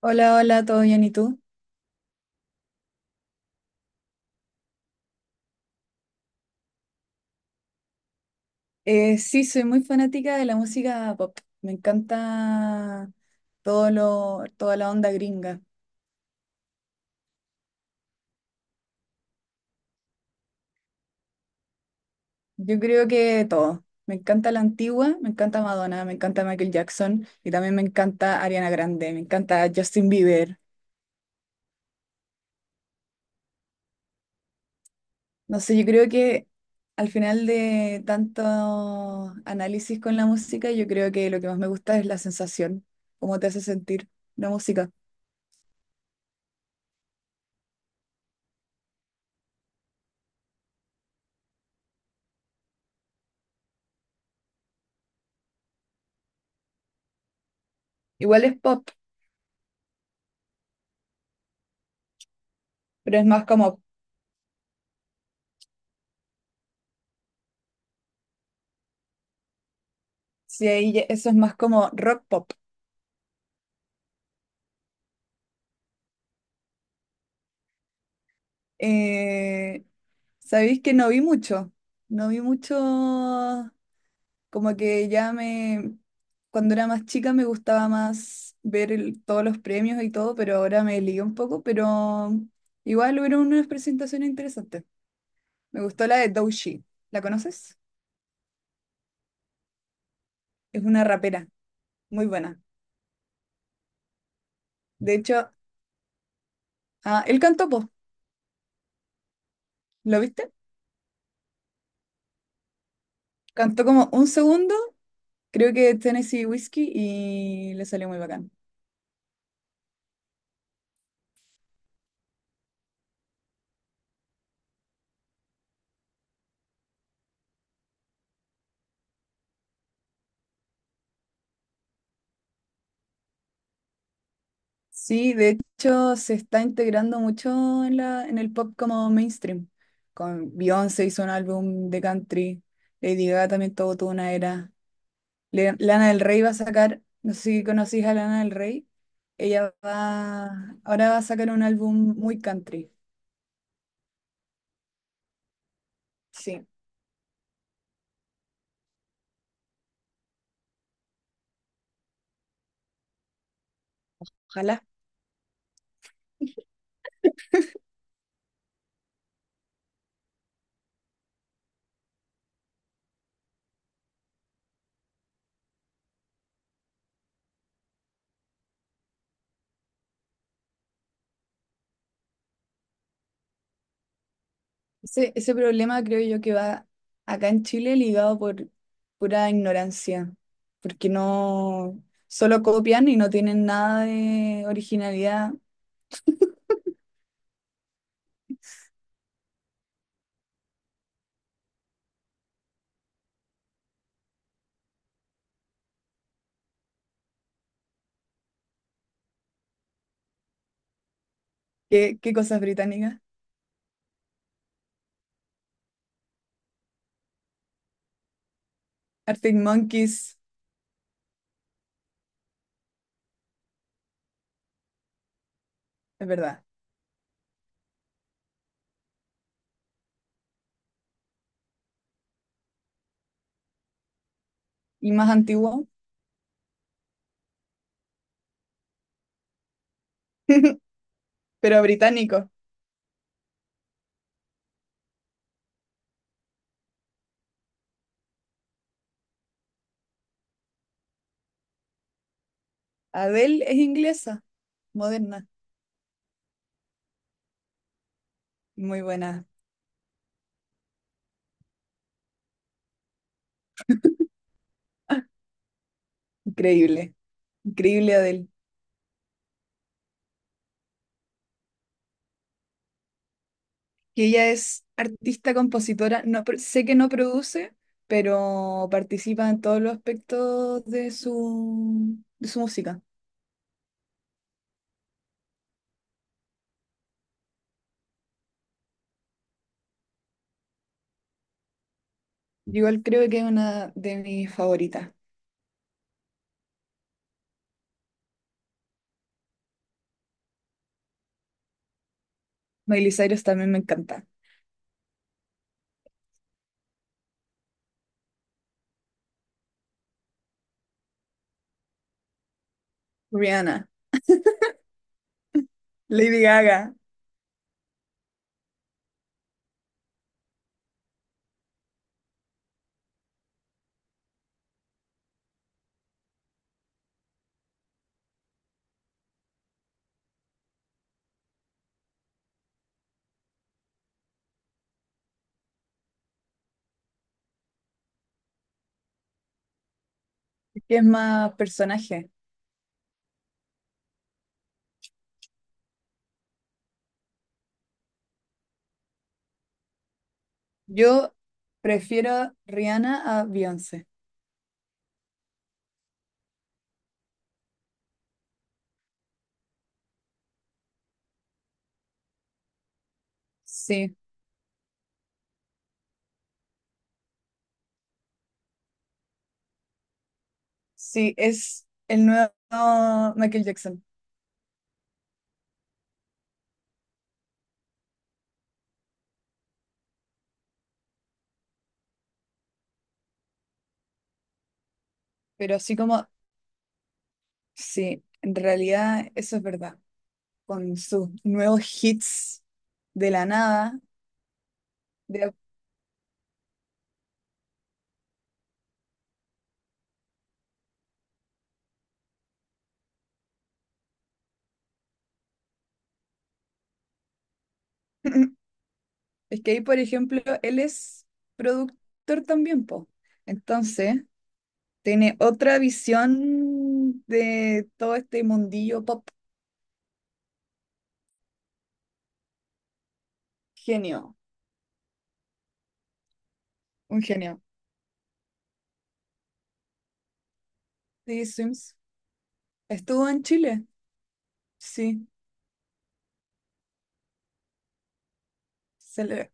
Hola, hola, ¿todo bien? ¿Y tú? Sí, soy muy fanática de la música pop. Me encanta toda la onda gringa. Yo creo que todo. Me encanta la antigua, me encanta Madonna, me encanta Michael Jackson y también me encanta Ariana Grande, me encanta Justin Bieber. No sé, yo creo que al final de tanto análisis con la música, yo creo que lo que más me gusta es la sensación, cómo te hace sentir la música. Igual es pop, pero es más como. Sí, eso es más como rock pop. Eh, Sabéis que no vi mucho, no vi mucho, como que ya me, cuando era más chica me gustaba más ver todos los premios y todo, pero ahora me ligué un poco, pero igual hubieron unas presentaciones interesantes. Me gustó la de Doechii, ¿la conoces? Es una rapera, muy buena. De hecho, ah, él cantó, po, ¿lo viste? Cantó como un segundo, creo que Tennessee Whiskey y le salió muy bacán. Sí, de hecho se está integrando mucho en en el pop como mainstream. Con Beyoncé hizo un álbum de country, Lady Gaga también todo tuvo una era. Lana del Rey va a sacar, no sé si conocís a Lana del Rey, ahora va a sacar un álbum muy country. Sí, ojalá. Ese problema creo yo que va acá en Chile ligado por pura ignorancia, porque no, solo copian y no tienen nada de originalidad. ¿Qué cosas británicas? Arctic Monkeys, es verdad. Y más antiguo, pero británico. Adele es inglesa, moderna. Muy buena. Increíble. Increíble Adele. Que ella es artista, compositora. No, sé que no produce, pero participa en todos los aspectos de de su música. Yo igual creo que es una de mis favoritas. Miley Cyrus también me encanta. Rihanna, Lady Gaga, que es más personaje. Yo prefiero a Rihanna a Beyoncé. Sí, sí, es el nuevo Michael Jackson. Pero así como, sí, en realidad eso es verdad. Con sus nuevos hits de la nada. de- Es que ahí, por ejemplo, él es productor también, po. Entonces, tiene otra visión de todo este mundillo pop. Genio, un genio. Sí, Swims. Estuvo en Chile, sí. Se le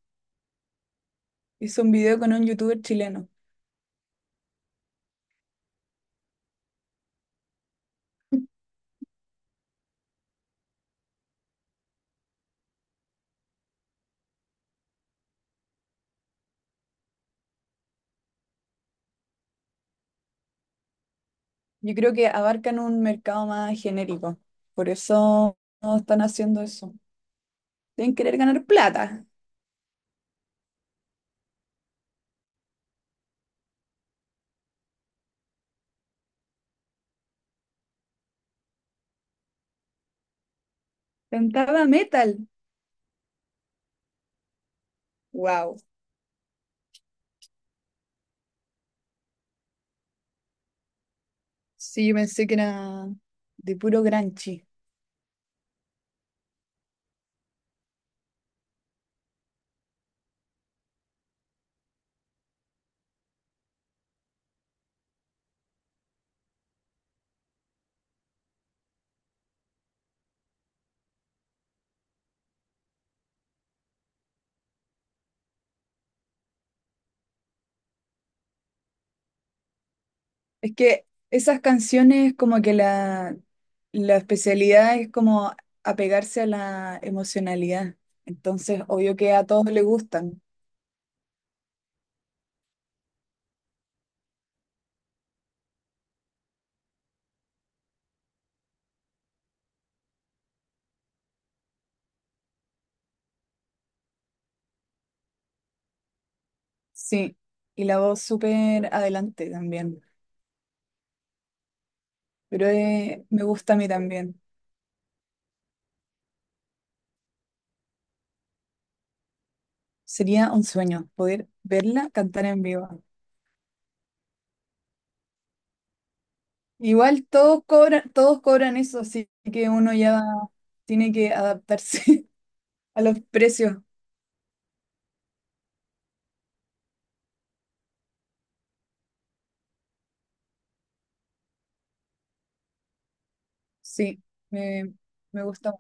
hizo un video con un youtuber chileno. Yo creo que abarcan un mercado más genérico. Por eso no están haciendo eso. Deben querer ganar plata. Cantaba metal. Wow. Sí, yo pensé que era de puro granchi. Es que esas canciones como que la especialidad es como apegarse a la emocionalidad. Entonces, obvio que a todos les gustan. Sí. Y la voz súper adelante también. Me gusta a mí también. Sería un sueño poder verla cantar en vivo. Igual todos cobran eso, así que uno ya tiene que adaptarse a los precios. Sí, me, me gusta.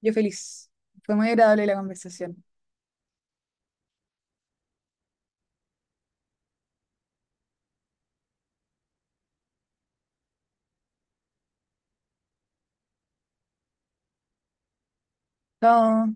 Yo feliz. Fue muy agradable la conversación. Chao.